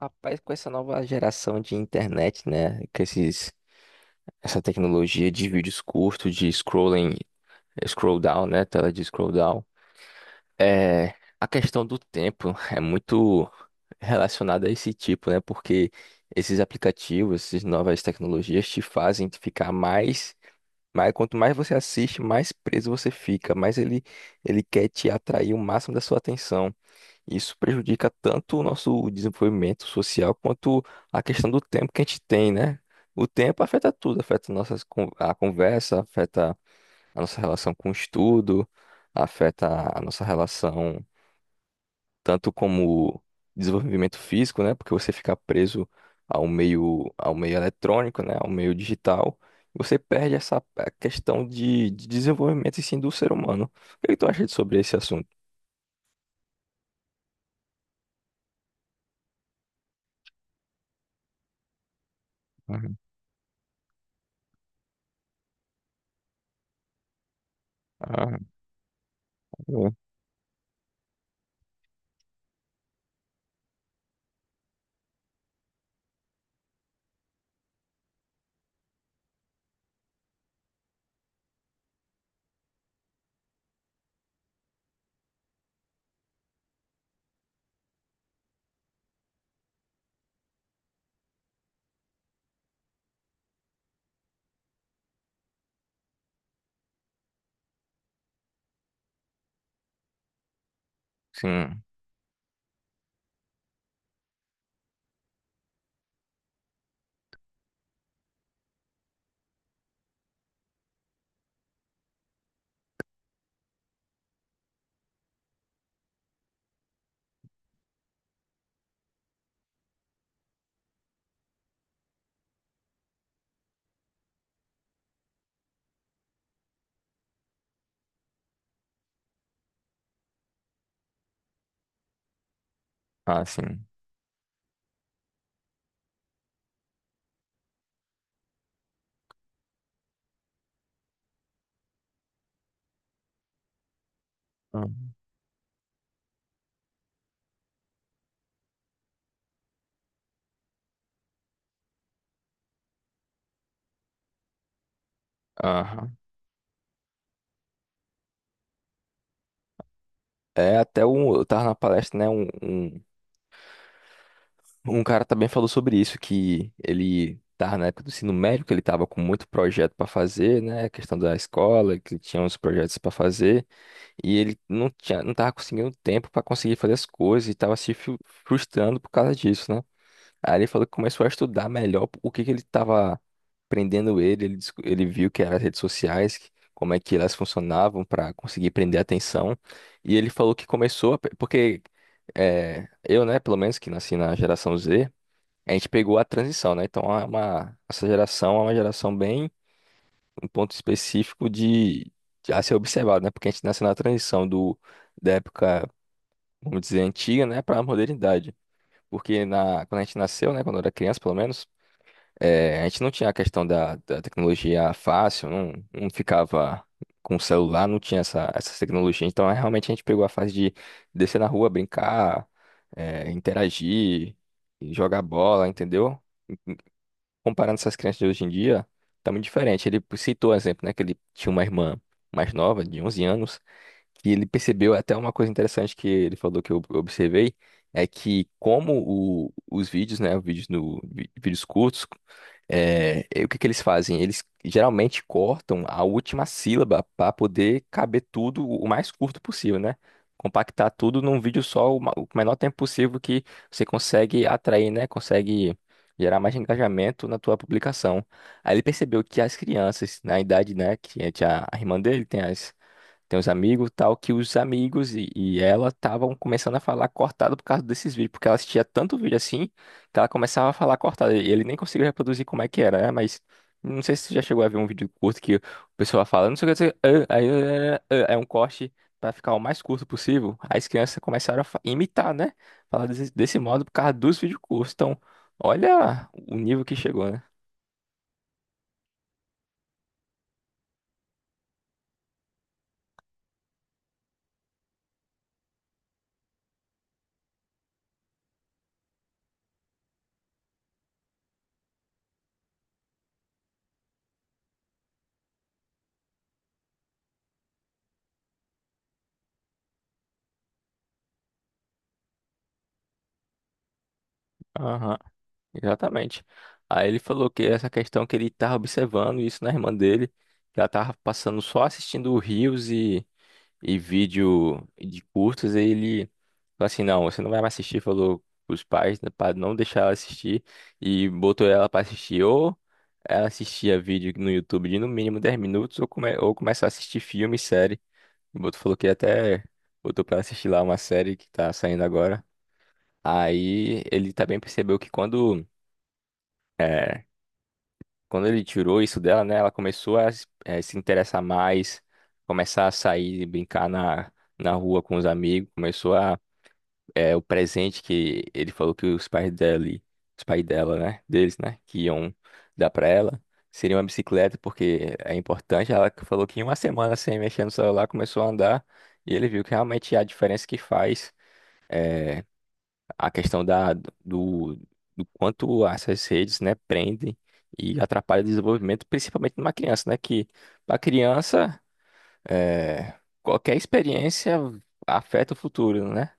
Rapaz, com essa nova geração de internet, né? Essa tecnologia de vídeos curtos, de scrolling, scroll down, né? Tela de scroll down. É, a questão do tempo é muito relacionada a esse tipo, né? Porque esses aplicativos, essas novas tecnologias te fazem ficar mais, mas quanto mais você assiste, mais preso você fica, mais ele quer te atrair o máximo da sua atenção. Isso prejudica tanto o nosso desenvolvimento social quanto a questão do tempo que a gente tem, né? O tempo afeta tudo, afeta a conversa, afeta a nossa relação com o estudo, afeta a nossa relação tanto como desenvolvimento físico, né? Porque você fica preso ao meio eletrônico, né? Ao meio digital, você perde essa questão de desenvolvimento e sim do ser humano. O que é que tu acha sobre esse assunto? Uhum. Ah, bom. Sim, sim. Uhum. Aham. É até eu tava na palestra, né? Um cara também falou sobre isso, que ele tava na época do ensino médio, que ele tava com muito projeto para fazer, né? A questão da escola, que ele tinha uns projetos para fazer. E ele não tinha, não tava conseguindo tempo para conseguir fazer as coisas e tava se frustrando por causa disso, né? Aí ele falou que começou a estudar melhor o que que ele tava prendendo ele, ele viu que eram as redes sociais, como é que elas funcionavam para conseguir prender a atenção. E ele falou que começou porque eu, né, pelo menos que nasci na geração Z, a gente pegou a transição, né? Então essa geração é uma geração bem um ponto específico de a ser observado, né? Porque a gente nasce na transição da época, vamos dizer, antiga, né, para a modernidade. Porque na, quando a gente nasceu, né, quando era criança, pelo menos, a gente não tinha a questão da, da tecnologia fácil, não ficava com o celular, não tinha essa tecnologia. Então, realmente, a gente pegou a fase de descer na rua, brincar, interagir, jogar bola, entendeu? Comparando essas crianças de hoje em dia, tá muito diferente. Ele citou o exemplo, né, que ele tinha uma irmã mais nova, de 11 anos, que ele percebeu até uma coisa interessante que ele falou que eu observei, é que como os vídeos, né, vídeos no, vi- vídeos curtos, e o que que eles fazem? Eles geralmente cortam a última sílaba para poder caber tudo o mais curto possível, né? Compactar tudo num vídeo só o o menor tempo possível que você consegue atrair, né? Consegue gerar mais engajamento na tua publicação. Aí ele percebeu que as crianças, na idade, né, que tinha a irmã dele, tem as tem os amigos tal, que os amigos e ela estavam começando a falar cortado por causa desses vídeos, porque ela assistia tanto vídeo assim, que ela começava a falar cortado. E ele nem conseguiu reproduzir como é que era, né? Mas não sei se você já chegou a ver um vídeo curto que o pessoal fala, não sei o que, não sei o que, ah, aí, ah, ah, é um corte para ficar o mais curto possível. Aí as crianças começaram a imitar, né? Falar desse, desse modo por causa dos vídeos curtos. Então, olha o nível que chegou, né? Aham. Exatamente. Aí ele falou que essa questão que ele estava observando isso na irmã dele, que ela estava passando só assistindo rios e vídeo de curtas, e ele falou assim, não, você não vai mais assistir, falou os pais para não deixar ela assistir, e botou ela para assistir, ou ela assistia vídeo no YouTube de no mínimo 10 minutos, ou ou começar a assistir filme e série. O Boto falou que até botou para assistir lá uma série que tá saindo agora. Aí ele também percebeu que quando é, quando ele tirou isso dela, né, ela começou a se interessar mais, começar a sair e brincar na, na rua com os amigos, começou o presente que ele falou que os pais dele, os pais dela, né, deles, né, que iam dar pra ela, seria uma bicicleta, porque é importante, ela que falou que em uma semana sem mexer no celular, começou a andar, e ele viu que realmente a diferença que faz, eh, a questão da, do, do quanto essas redes, né, prendem e atrapalham o desenvolvimento, principalmente numa criança, né, que para criança, qualquer experiência afeta o futuro, né?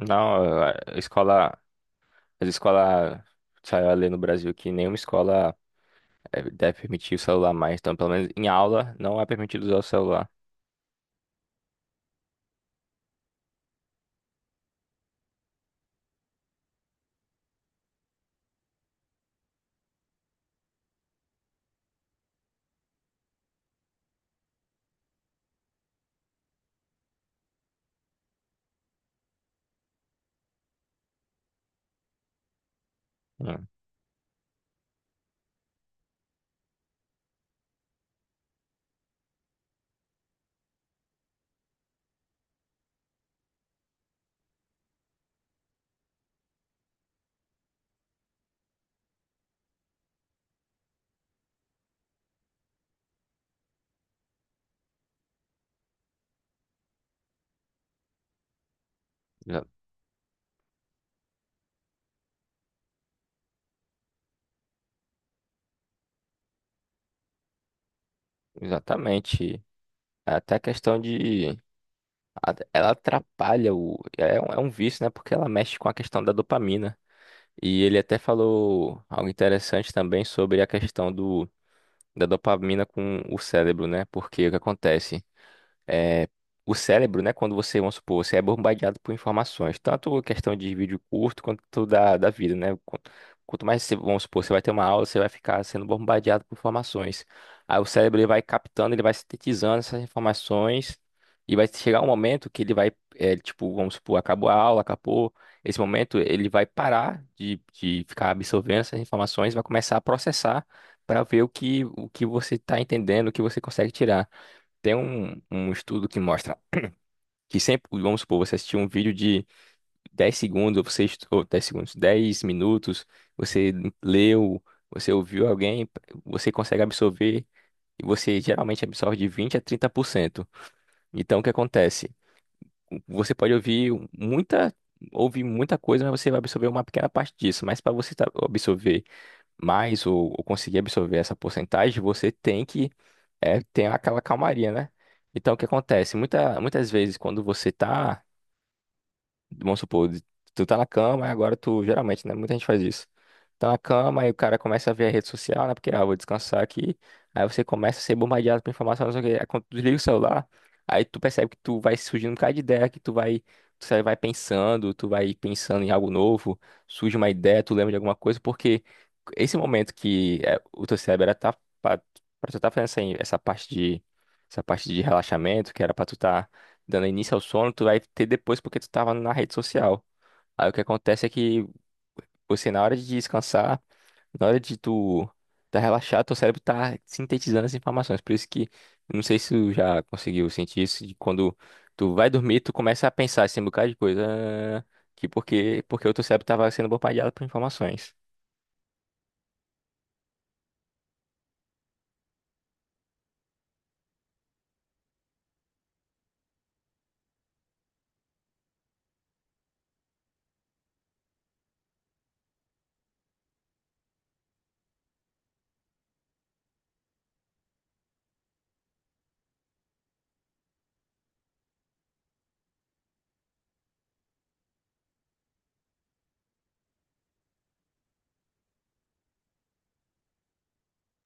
Não, a escola, as escolas, saiu a lei no Brasil que nenhuma escola, deve permitir o celular mais, então pelo menos em aula não é permitido usar o celular. Hum, exa- exatamente. Até a questão de ela atrapalha o. É um vício, né? Porque ela mexe com a questão da dopamina. E ele até falou algo interessante também sobre a questão do, da dopamina com o cérebro, né? Porque o que acontece? é, o cérebro, né? Quando você, vamos supor, você é bombardeado por informações, tanto questão de vídeo curto quanto da, da vida, né? Quanto mais você, vamos supor, você vai ter uma aula, você vai ficar sendo bombardeado por informações. Aí o cérebro, ele vai captando, ele vai sintetizando essas informações, e vai chegar um momento que ele vai, é, tipo, vamos supor, acabou a aula, acabou. Esse momento ele vai parar de ficar absorvendo essas informações, vai começar a processar para ver o que você está entendendo, o que você consegue tirar. Tem um, um estudo que mostra que sempre, vamos supor, você assistiu um vídeo de 10 segundos, ou você, ou 10 segundos, 10 minutos, você leu, você ouviu alguém, você consegue absorver, e você geralmente absorve de 20 a 30%. Então, o que acontece? Você pode muita, ouvir muita coisa, mas você vai absorver uma pequena parte disso. Mas para você absorver mais, ou conseguir absorver essa porcentagem, você tem que, ter aquela calmaria, né? Então, o que acontece? Muitas vezes, quando você está, vamos supor, tu tá na cama, e agora tu, geralmente, né? Muita gente faz isso. Tá na cama, e o cara começa a ver a rede social, né? Porque, ah, vou descansar aqui. Aí você começa a ser bombardeado por informação, não sei o quê. Aí quando tu desliga o celular, aí tu percebe que tu vai surgindo um bocado de ideia, que tu vai, tu vai pensando, tu vai pensando em algo novo, surge uma ideia, tu lembra de alguma coisa, porque esse momento que é, o teu cérebro era tá, pra, pra tu tá fazendo essa, essa parte de, essa parte de relaxamento, que era pra tu tá dando início ao sono, tu vai ter depois porque tu tava na rede social. Aí o que acontece é que você, na hora de descansar, na hora de tu tá relaxado, teu cérebro tá sintetizando as informações. Por isso que, não sei se tu já conseguiu sentir isso, de quando tu vai dormir, tu começa a pensar assim, um bocado de coisa, ah, que porque o teu cérebro tava sendo bombardeado por informações.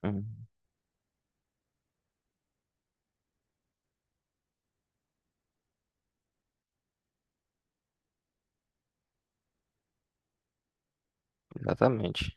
Hum. Exatamente.